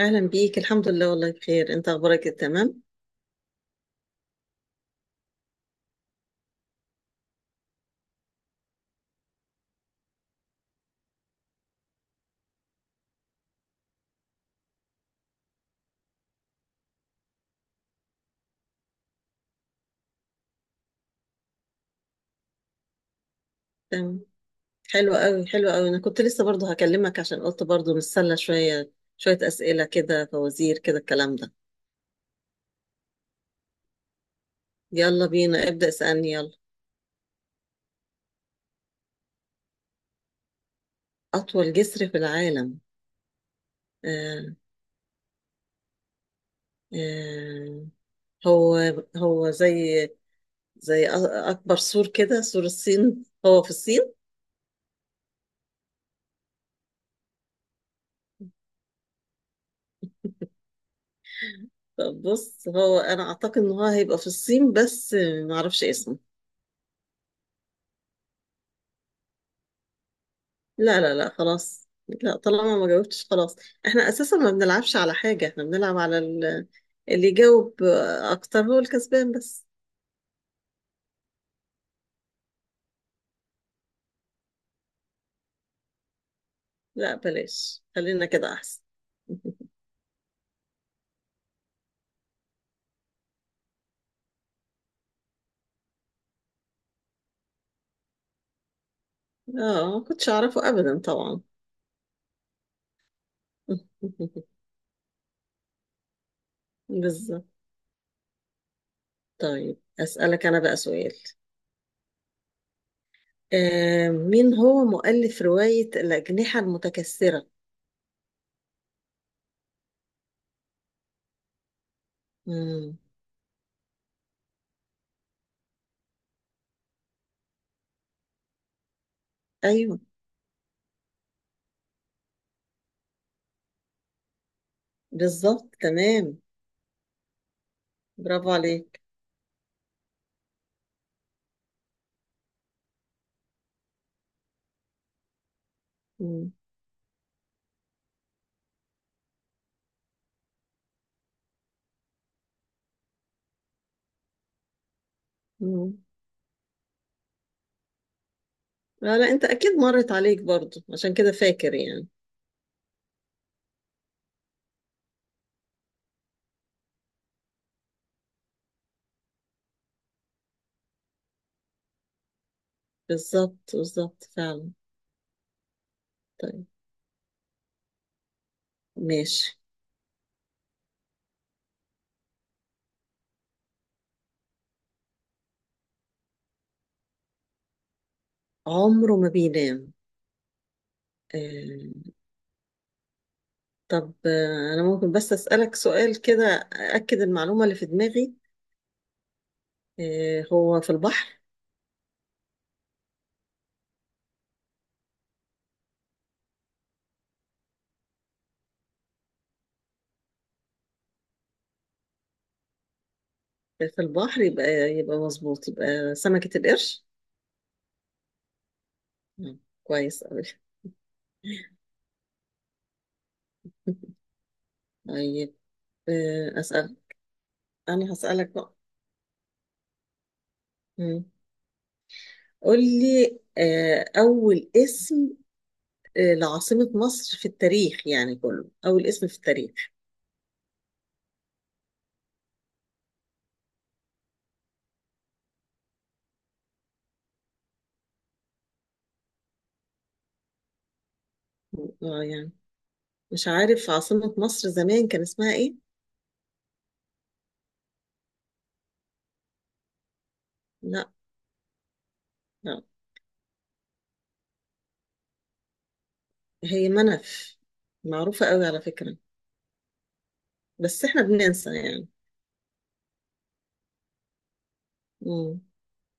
أهلا بيك. الحمد لله والله بخير. أنت أخبارك إيه؟ تمام تمام. حلو قوي حلو قوي. أنا كنت لسه برضو هكلمك عشان قلت برضو نتسلى شوية. شوية أسئلة كده، فوازير كده الكلام ده. يلا بينا، ابدأ اسألني يلا. أطول جسر في العالم؟ آه آه، هو هو زي أ- أكبر سور كده، سور الصين، هو في الصين. طب بص، هو أنا أعتقد إن هو هيبقى في الصين، بس معرفش اسمه. لا لا لا، خلاص، لا طالما ما جاوبتش خلاص. احنا اساسا ما بنلعبش على حاجة، احنا بنلعب على اللي يجاوب اكتر هو الكسبان بس. لا بلاش، خلينا كده احسن. اه، ما كنتش اعرفه ابدا طبعا. بالظبط. طيب اسألك انا بقى سؤال. آه، مين هو مؤلف رواية الأجنحة المتكسرة؟ مم. ايوه بالظبط تمام. برافو عليك. مم. مم. لا لا، انت اكيد مرت عليك برضو عشان كده فاكر يعني. بالظبط بالظبط فعلا. طيب ماشي. عمره ما بينام؟ آه طب انا ممكن بس اسالك سؤال كده اكد المعلومه اللي في دماغي. آه، هو في البحر؟ في البحر يبقى، يبقى مظبوط، يبقى سمكه القرش. مم، كويس قوي. طيب اسال. انا هسالك بقى. مم. قول لي اول اسم، لعاصمة مصر في التاريخ، يعني كله، أول اسم في التاريخ. اه يعني مش عارف عاصمة مصر زمان كان اسمها ايه؟ لا. لا. هي منف، معروفة قوي على فكرة. بس احنا بننسى يعني. مم.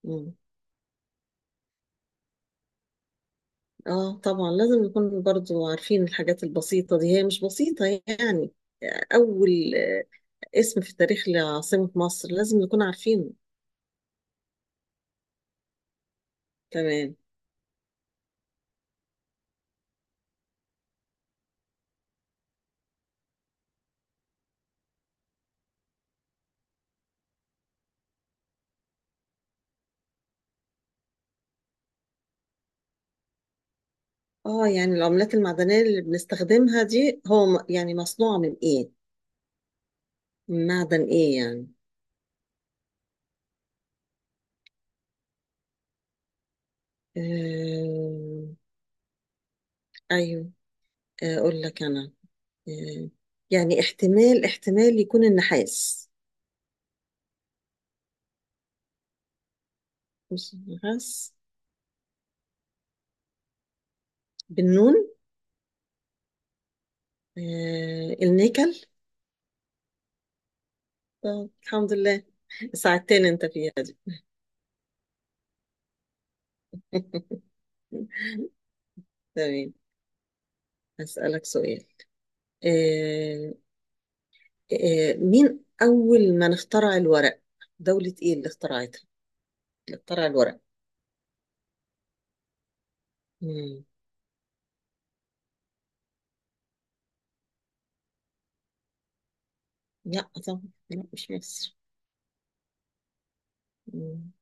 مم. اه طبعا، لازم نكون برضو عارفين الحاجات البسيطة دي، هي مش بسيطة يعني. أول اسم في التاريخ لعاصمة مصر لازم نكون عارفينه. تمام. اه يعني العملات المعدنية اللي بنستخدمها دي هو يعني مصنوعة من ايه؟ معدن ايه يعني؟ آه... ايوه. آه، اقول لك انا. آه... يعني احتمال يكون النحاس. مش النحاس؟ بالنون؟ النيكل. آه، الحمد لله، ساعدتني انت فيها دي. تمام، هسألك سؤال. آه... مين اول من اخترع الورق؟ دولة ايه اللي اخترعتها اللي اخترع الورق؟ مم. لا طبعا. لا مش مصر. مم.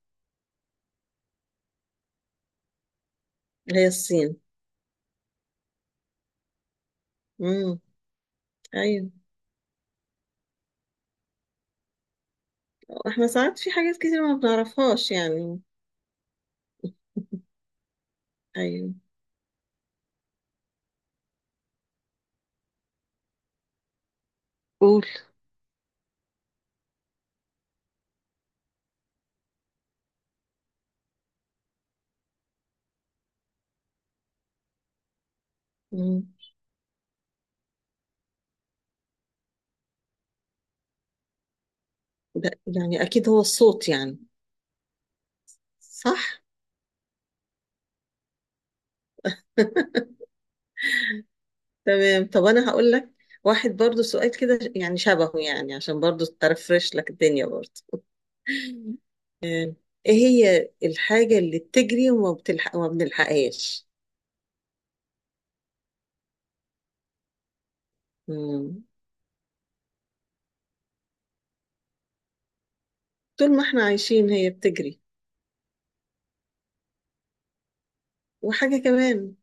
هي الصين. مم، ايوه. احنا ساعات في حاجات كتير ما بنعرفهاش يعني. ايوه. قول. مم. ده يعني اكيد هو الصوت يعني، صح؟ تمام. طب انا هقول لك واحد برضو سؤال كده يعني شبهه، يعني عشان برضو ترفرش لك الدنيا برضو. ايه هي الحاجة اللي بتجري وما بتلحق وما بنلحقهاش؟ مم. طول ما احنا عايشين هي بتجري. وحاجة كمان.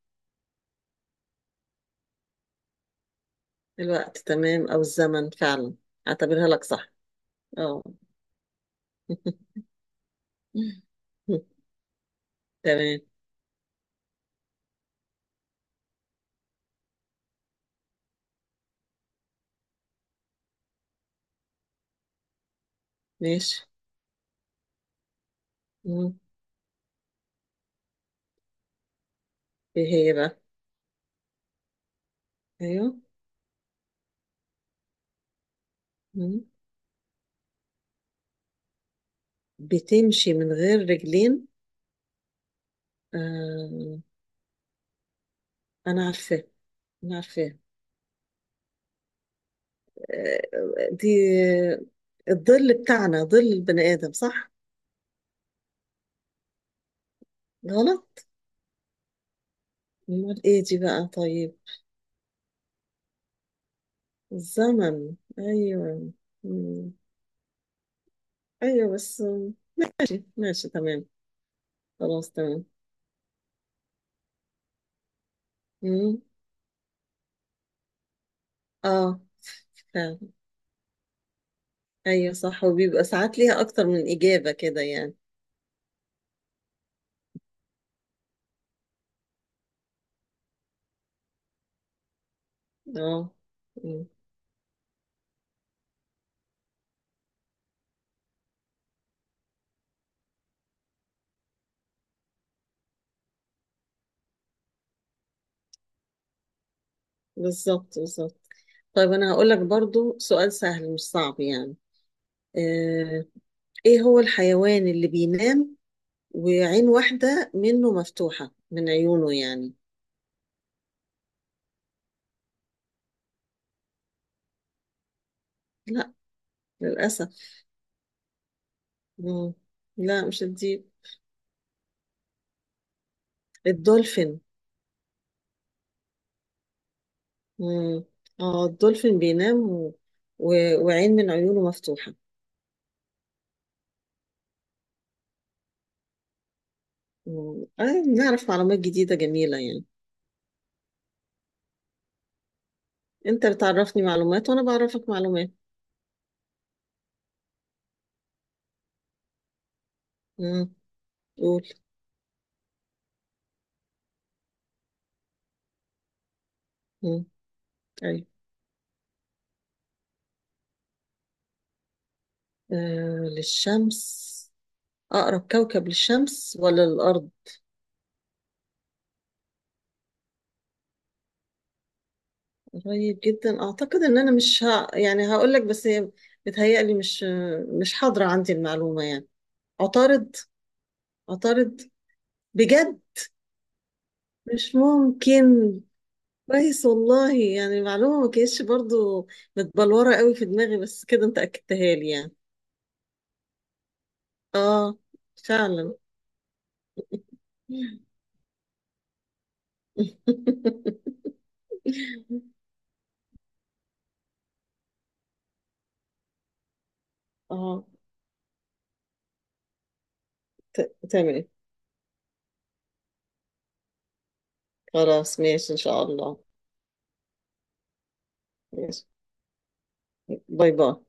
الوقت، تمام، او الزمن فعلا. اعتبرها لك صح. اه. تمام. ماشي. مم. ايه هي بقى؟ ايوه. مم. بتمشي من غير رجلين؟ آه. انا عارفاه، انا عارفاه. آه. دي الظل بتاعنا، ظل البني ادم، صح؟ غلط؟ امال ايه دي بقى طيب؟ الزمن، ايوه. مم، ايوه بس. ماشي ماشي تمام. خلاص تمام. مم. اه فعلا. ايوه صح، وبيبقى ساعات ليها اكتر من اجابة كده يعني. اه. بالظبط بالظبط. طيب انا هقول لك برضو سؤال سهل مش صعب يعني. آه، ايه هو الحيوان اللي بينام وعين واحدة منه مفتوحة، من عيونه يعني؟ لا، للأسف. مم. لا مش الديب. الدولفين. مم، اه الدولفين بينام و... وعين من عيونه مفتوحة. مم. آه، نعرف معلومات جديدة جميلة يعني. انت بتعرفني معلومات وانا بعرفك معلومات. مم. قول. مم. أيوة. آه، للشمس؟ أقرب كوكب للشمس ولا للأرض؟ قريب جدا، أعتقد إن أنا مش ها يعني هقول لك، بس هي بتهيألي مش حاضرة عندي المعلومة يعني. عطارد؟ عطارد؟ بجد؟ مش ممكن. كويس والله، يعني المعلومة ما كانتش برضو متبلورة قوي في دماغي، بس كده أنت أكدتها لي يعني. آه، فعلا. آه. ت- تمام. خلاص ماشي إن شاء الله. ماشي. باي باي.